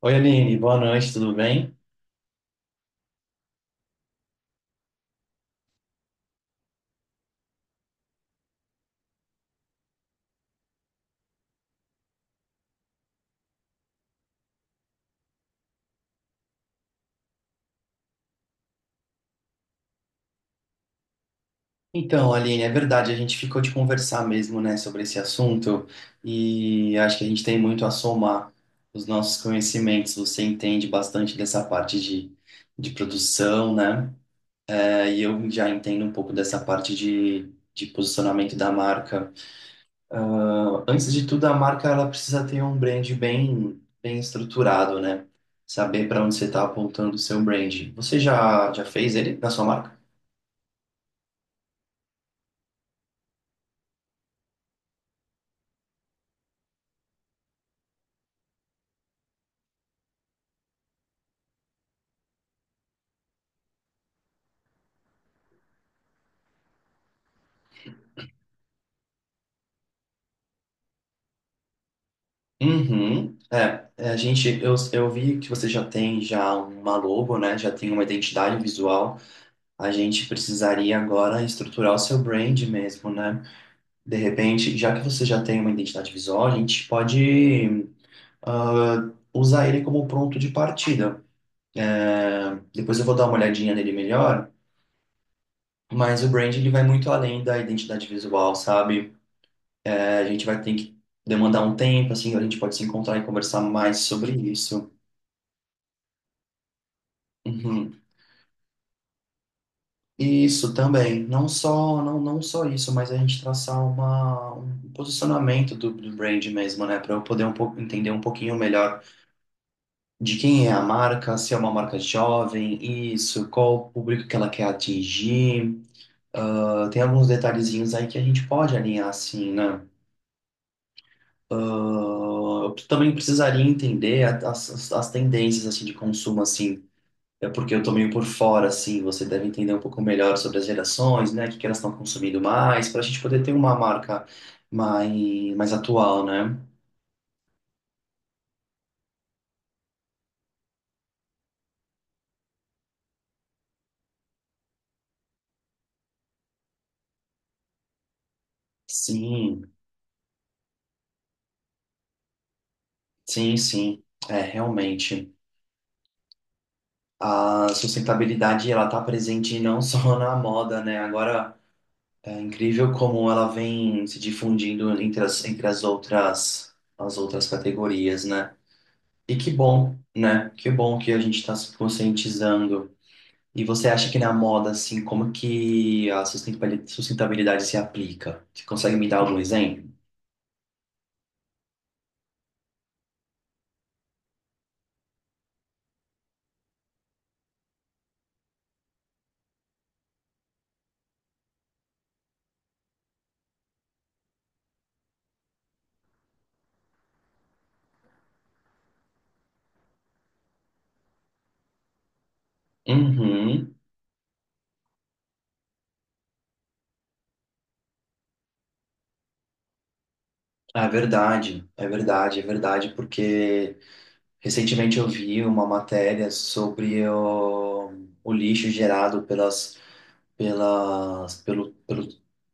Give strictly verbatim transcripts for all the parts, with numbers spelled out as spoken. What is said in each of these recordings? Oi, Aline, boa noite, tudo bem? Então, Aline, é verdade, a gente ficou de conversar mesmo, né, sobre esse assunto e acho que a gente tem muito a somar os nossos conhecimentos. Você entende bastante dessa parte de, de produção, né? É, e eu já entendo um pouco dessa parte de, de posicionamento da marca. Ah, antes de tudo, a marca ela precisa ter um brand bem, bem estruturado, né? Saber para onde você está apontando o seu brand. Você já, já fez ele na sua marca? Uhum. É, é, a gente, eu, eu vi que você já tem já uma logo, né? Já tem uma identidade visual. A gente precisaria agora estruturar o seu brand mesmo, né? De repente, já que você já tem uma identidade visual, a gente pode ah, usar ele como ponto de partida. É, depois eu vou dar uma olhadinha nele melhor, mas o brand ele vai muito além da identidade visual, sabe? É, a gente vai ter que demandar um tempo, assim, a gente pode se encontrar e conversar mais sobre isso. Uhum. Isso também, não só não, não só isso, mas a gente traçar uma, um posicionamento do, do brand mesmo, né, para eu poder um pouco entender um pouquinho melhor de quem é a marca, se é uma marca jovem, isso, qual o público que ela quer atingir. Ah, tem alguns detalhezinhos aí que a gente pode alinhar assim, né? Ah, eu também precisaria entender a- as, as as tendências assim de consumo assim. É porque eu tô meio por fora, assim, você deve entender um pouco melhor sobre as gerações, né? O que que elas estão consumindo mais, para a gente poder ter uma marca mais, mais atual, né? Sim, sim, sim. É, realmente. A sustentabilidade, ela tá presente não só na moda, né? Agora, é incrível como ela vem se difundindo entre as, entre as outras, as outras categorias, né? E que bom, né? Que bom que a gente está se conscientizando. E você acha que na moda, assim, como que a sustentabilidade sustentabilidade se aplica? Você consegue me dar algum exemplo? Uhum. É verdade, é verdade, é verdade, porque recentemente eu vi uma matéria sobre o, o lixo gerado pelas, pelas, pelo, pelo,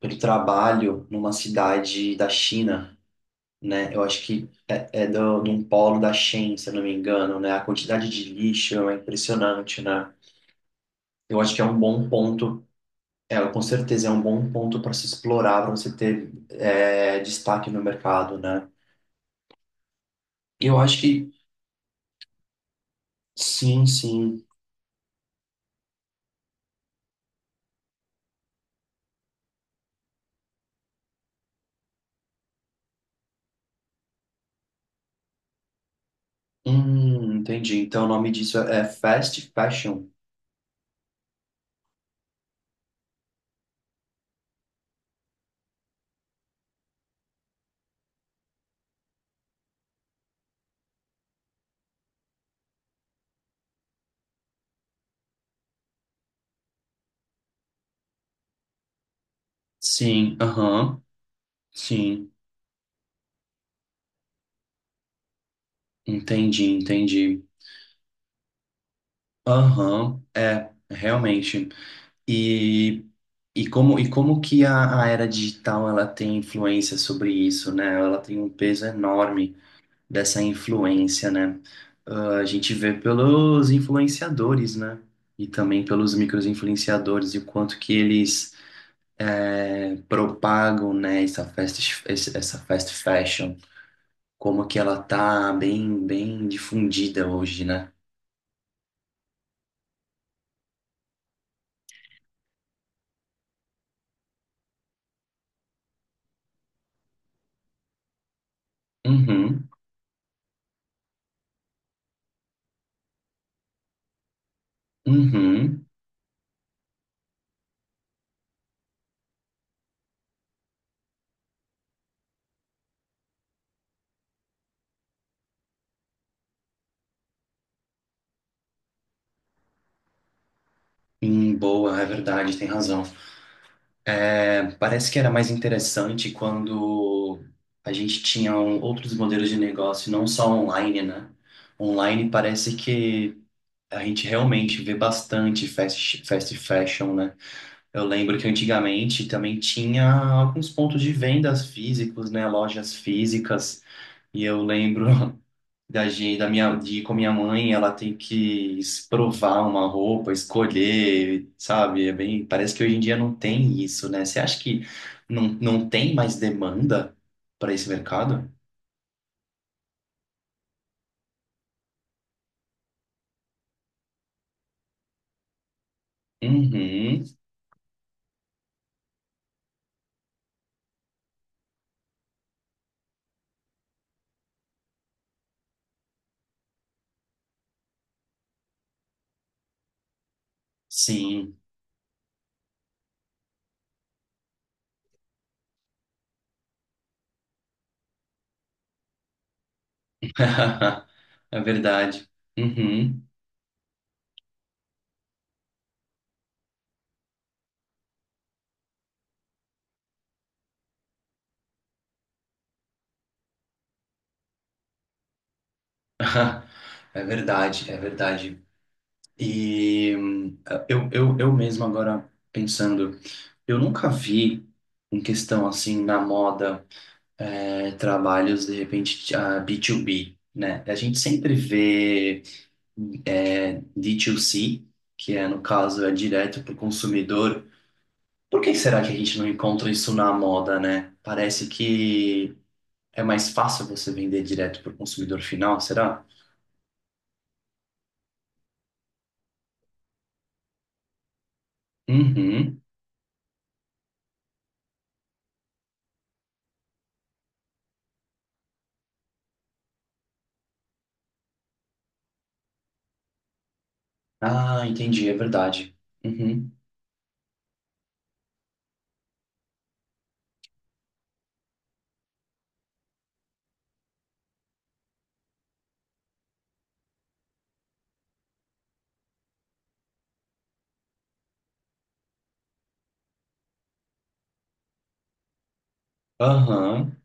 pelo trabalho numa cidade da China, né? Eu acho que é, é do, de um polo da Shein, se eu não me engano, né? A quantidade de lixo é impressionante, né? Eu acho que é um bom ponto, é, com certeza é um bom ponto para se explorar, para você ter é, destaque no mercado, né? Eu acho que sim, sim. Hum, entendi. Então o nome disso é fast fashion. Sim, aham, sim. Entendi, entendi. Aham, é, realmente. E, e como e como que a, a era digital ela tem influência sobre isso, né? Ela tem um peso enorme dessa influência, né? Ah, a gente vê pelos influenciadores, né? E também pelos micro-influenciadores e o quanto que eles eh, propagam, né, essa fast, esse- essa fast fashion, como que ela tá bem, bem difundida hoje, né? Uhum, uhum. Hum, boa, é verdade, tem razão. É, parece que era mais interessante quando a gente tinha um- outros modelos de negócio, não só online, né? Online parece que a gente realmente vê bastante fast, fast fashion, né? Eu lembro que antigamente também tinha alguns pontos de vendas físicos, né? Lojas físicas. E eu lembro da, gen- da minha, de ir com a minha mãe, ela tem que es- provar uma roupa, escolher, sabe? É bem, parece que hoje em dia não tem isso, né? Você acha que não, não tem mais demanda para esse mercado? Uhum, sim. É verdade. Uhum. É verdade, é verdade. E hum, eu, eu, eu mesmo agora pensando, eu nunca vi em questão assim na moda. É, trabalhos, de repente, a B dois B, né? A gente sempre vê é, D dois C, que é, no caso, é direto para o consumidor. Por que será que a gente não encontra isso na moda, né? Parece que é mais fácil você vender direto para o consumidor final, será? Uhum. Ah, entendi, é verdade. Uhum. Aham.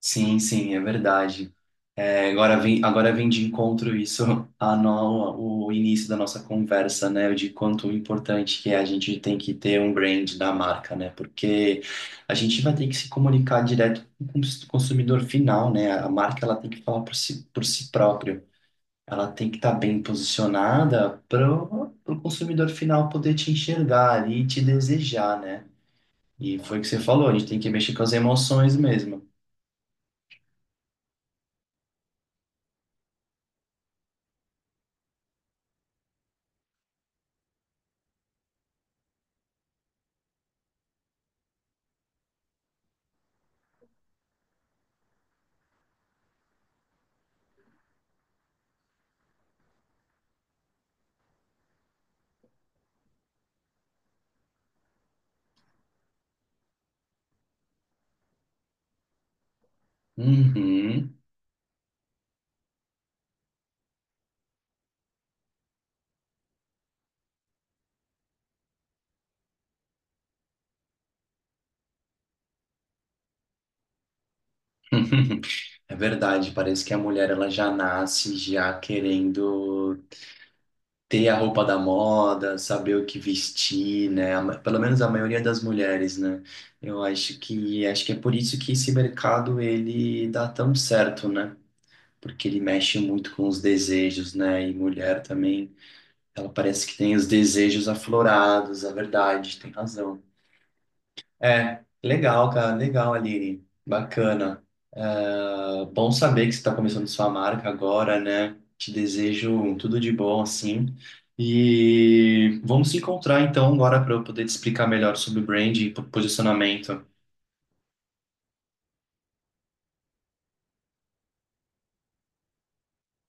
Sim, sim, é verdade. É, agora vem, agora vem de encontro isso a no, o início da nossa conversa, né? De quanto importante que é a gente tem que ter um brand da marca, né? Porque a gente vai ter que se comunicar direto com o consumidor final, né? A marca ela tem que falar por si, por si própria. Ela tem que estar bem posicionada para o consumidor final poder te enxergar ali e te desejar, né? E foi o que você falou, a gente tem que mexer com as emoções mesmo. Uhum. É verdade, parece que a mulher ela já nasce já querendo ter a roupa da moda, saber o que vestir, né? A ma- Pelo menos a maioria das mulheres, né? Eu acho que acho que é por isso que esse mercado ele dá tão certo, né? Porque ele mexe muito com os desejos, né? E mulher também, ela parece que tem os desejos aflorados, a verdade, tem razão. É, legal, cara, legal, Aline. Bacana. É, bom saber que você está começando sua marca agora, né? Te desejo tudo de bom, assim. E vamos se encontrar então agora para eu poder te explicar melhor sobre o brand e posicionamento.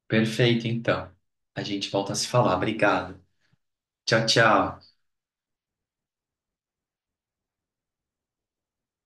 Perfeito, então. A gente volta a se falar. Obrigado. Tchau, tchau.